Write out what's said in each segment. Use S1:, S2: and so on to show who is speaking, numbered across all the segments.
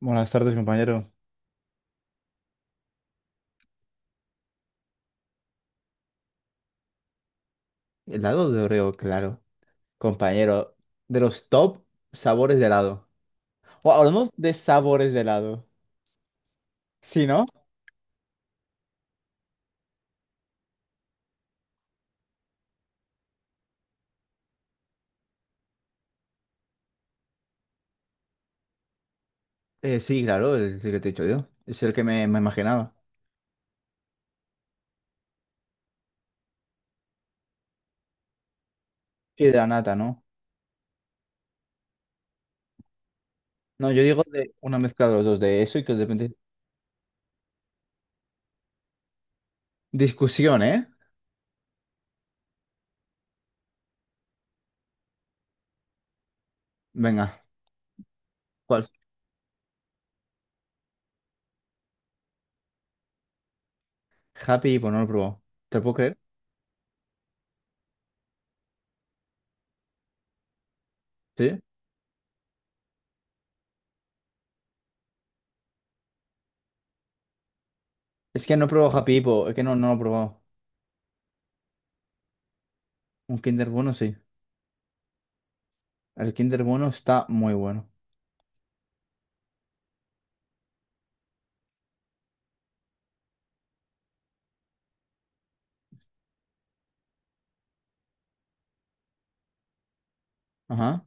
S1: Buenas tardes, compañero. Helado de Oreo, claro. Compañero, de los top sabores de helado. O hablamos de sabores de helado. Sí, ¿no? Sí, claro, es el que te he dicho yo. Es el que me imaginaba. Y de la nata, ¿no? No, yo digo de una mezcla de los dos, de eso y que depende. Discusión, ¿eh? Venga, ¿cuál? Happy Hippo, no lo he probado. ¿Te lo puedo creer? ¿Sí? Es que no he probado Happy Hippo, es que no, no lo he probado. Un Kinder Bueno sí. El Kinder Bueno está muy bueno. Ajá.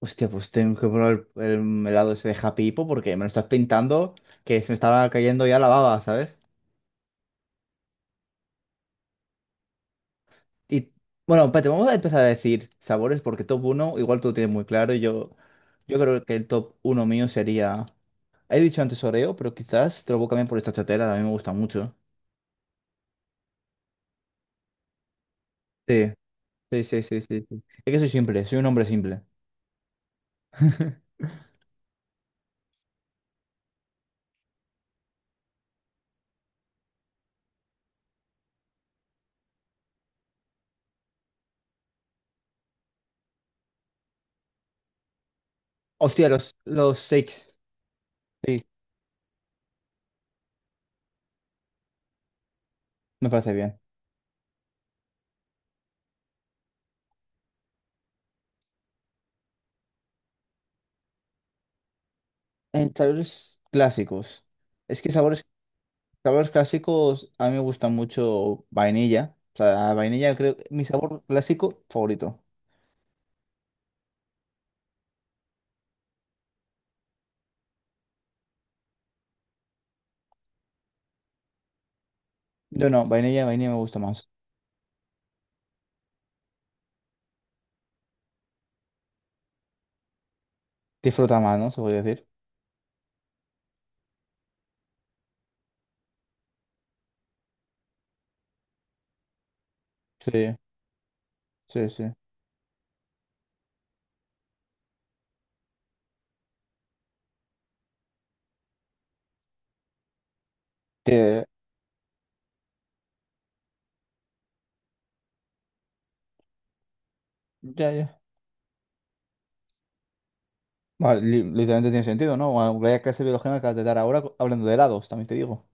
S1: Hostia, pues tengo que probar el helado ese de Happy Hippo porque me lo estás pintando que se me estaba cayendo ya la baba, ¿sabes? Y bueno, espérate, vamos a empezar a decir sabores porque top uno igual tú lo tienes muy claro. Y yo creo que el top uno mío sería. He dicho antes Oreo, pero quizás te lo voy a cambiar por esta chatera, a mí me gusta mucho. Sí, sí, sí, sí, sí, sí. Es que soy simple, soy un hombre simple. Hostia, los shakes. Sí, me parece bien. En sabores clásicos. Es que sabores Sabores clásicos, a mí me gusta mucho vainilla. O sea, vainilla creo que mi sabor clásico favorito. No, no, vainilla, vainilla me gusta más. Disfruta más, ¿no? Se puede decir. Sí, sí, sí. Te- Ya, ya. Vale, literalmente tiene sentido, ¿no? Bueno, vaya clase de biología me acabas de dar ahora hablando de helados, también te digo.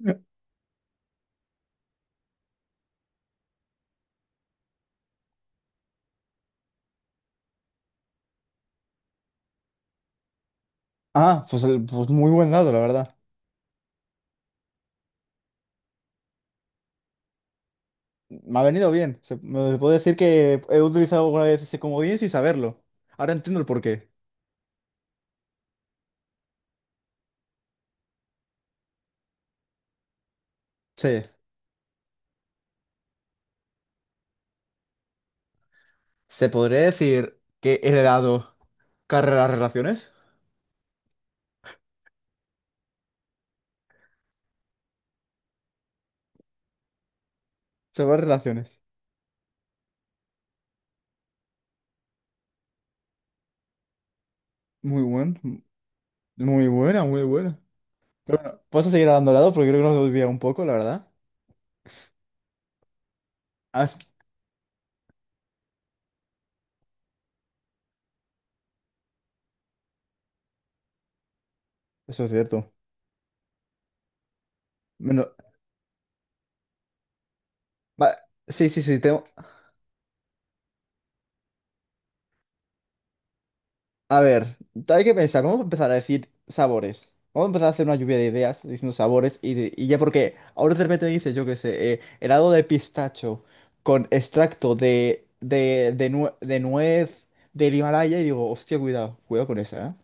S1: Ya. Ah, pues muy buen helado, la verdad. Me ha venido bien. Me puedo decir que he utilizado alguna vez ese comodín sin saberlo. Ahora entiendo el porqué. Sí. Se podría decir que el helado. Carrera Relaciones. Se va a Relaciones. Muy buen. Muy buena, muy buena. Pero bueno, vamos a seguir dando lado porque creo que nos desvía un poco, la verdad. Ah, eso es cierto. Bueno, va- sí, sí, sí, tengo. A ver, hay que pensar, vamos a empezar a decir sabores. Vamos a empezar a hacer una lluvia de ideas diciendo sabores y ya porque ahora de repente me dices, yo qué sé, helado de pistacho con extracto de nuez del Himalaya y digo, hostia, cuidado, cuidado con esa, ¿eh?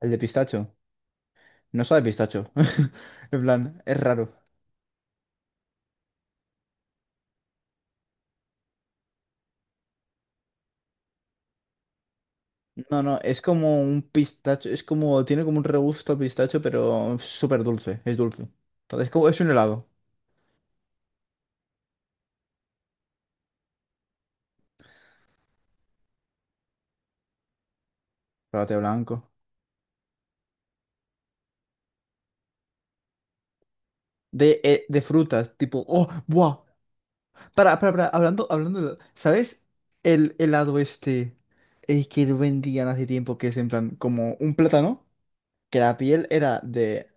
S1: El de pistacho. No sabe a pistacho. En plan, es raro. No, no, es como un pistacho, es como, tiene como un regusto a pistacho, pero súper dulce, es dulce. Entonces, como, es un helado, chocolate blanco. De frutas, tipo, oh, buah. Para, hablando, hablando, ¿sabes? El helado este, el que lo vendían hace tiempo, que es en plan, como un plátano, que la piel era de,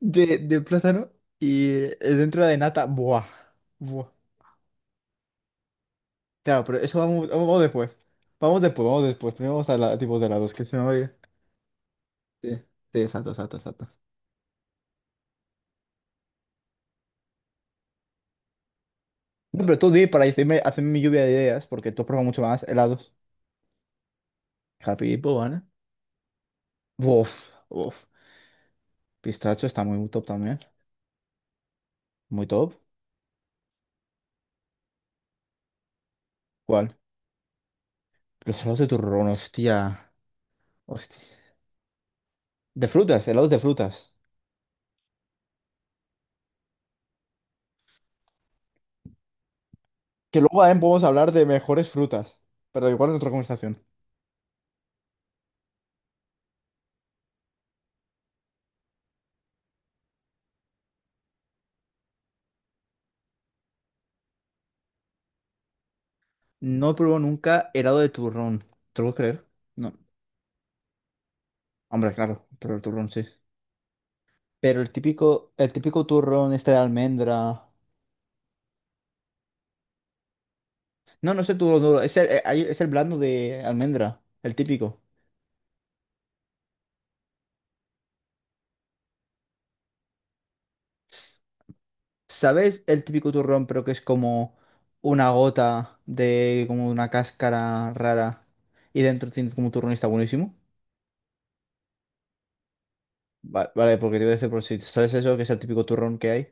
S1: de, de plátano y dentro era de nata, buah, buah. Claro, pero eso vamos, vamos, después. Vamos después, vamos después. Primero vamos a la, tipos de helados, que se me oye. Sí, sí, exacto, exacto, exacto. No, pero tú di para decirme, hacerme mi lluvia de ideas, porque tú pruebas mucho más helados. Happy Banana. Uf, uf. Pistacho está muy top también. Muy top. ¿Cuál? Los helados de turrón, hostia. Hostia. De frutas, helados de frutas. Que luego también podemos hablar de mejores frutas. Pero igual en otra conversación. No he probado nunca helado de turrón. ¿Te lo puedes creer? No. Hombre, claro, pero el turrón sí. Pero el típico turrón este de almendra. No, no es el turrón duro, es el blando de almendra, el típico. S- ¿Sabes el típico turrón, pero que es como una gota de como una cáscara rara y dentro tiene como turrón y está buenísimo? Vale, porque te voy a decir por si sabes eso, que es el típico turrón que hay.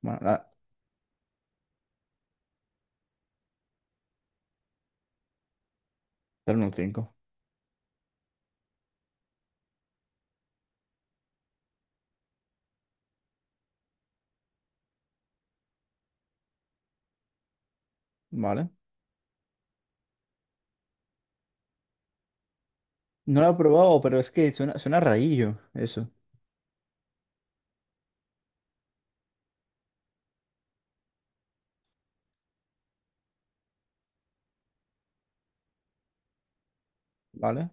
S1: Bueno, nada, pero no un 5, ¿vale? No lo he probado, pero es que suena, suena rarillo, eso, ¿vale?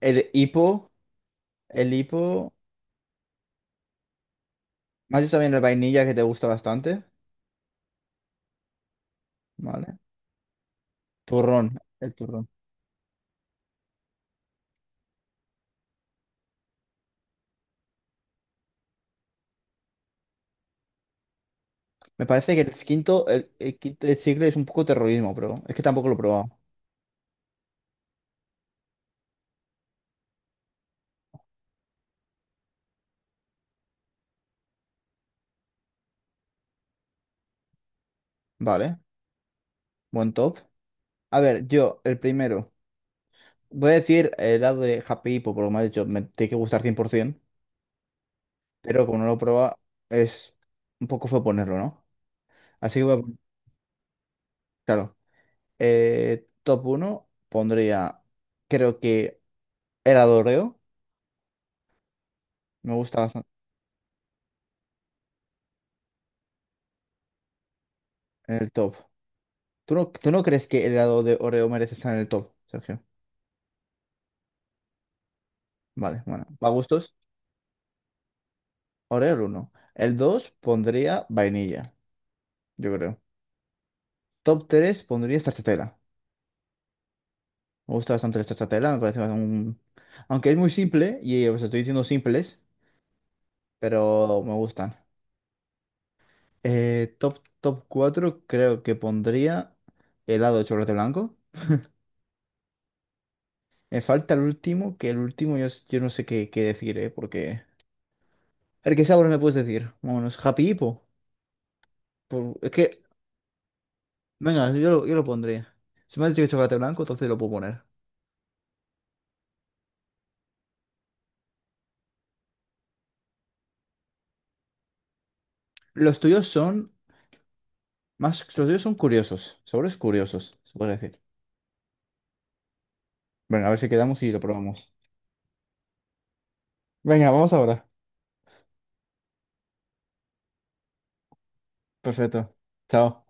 S1: El hipo, el hipo. Me has dicho también el vainilla que te gusta bastante, ¿vale? Turrón, el turrón. Me parece que el quinto de chicle es un poco terrorismo, pero es que tampoco lo he probado, ¿vale? Buen top. A ver, yo, el primero. Voy a decir el lado de Happy Hippo, por lo que me has dicho, me tiene que gustar 100%, pero como no lo he probado, es un poco fue ponerlo, ¿no? Así que voy a. Claro. Top uno pondría, creo que el Doreo, me gusta bastante en el top. ¿Tú no crees que el helado de Oreo merece estar en el top, Sergio? Vale, bueno. ¿A gustos? Oreo el 1. El 2 pondría vainilla, yo creo. Top 3 pondría stracciatella. Me gusta bastante la stracciatella, me parece un. Aunque es muy simple, y os estoy diciendo simples, pero me gustan. Top 4 creo que pondría helado de chocolate blanco. Me falta el último, que el último yo, yo no sé qué, decir, ¿eh? Porque. El ¿qué sabor me puedes decir? Vámonos, Happy Hippo. Por- Es que Venga, yo lo pondría. Si me has dicho que chocolate blanco, entonces lo puedo poner. Los tuyos son los tuyos son curiosos, sabores curiosos, se puede decir. Venga, a ver si quedamos y lo probamos. Venga, vamos ahora. Perfecto. Chao.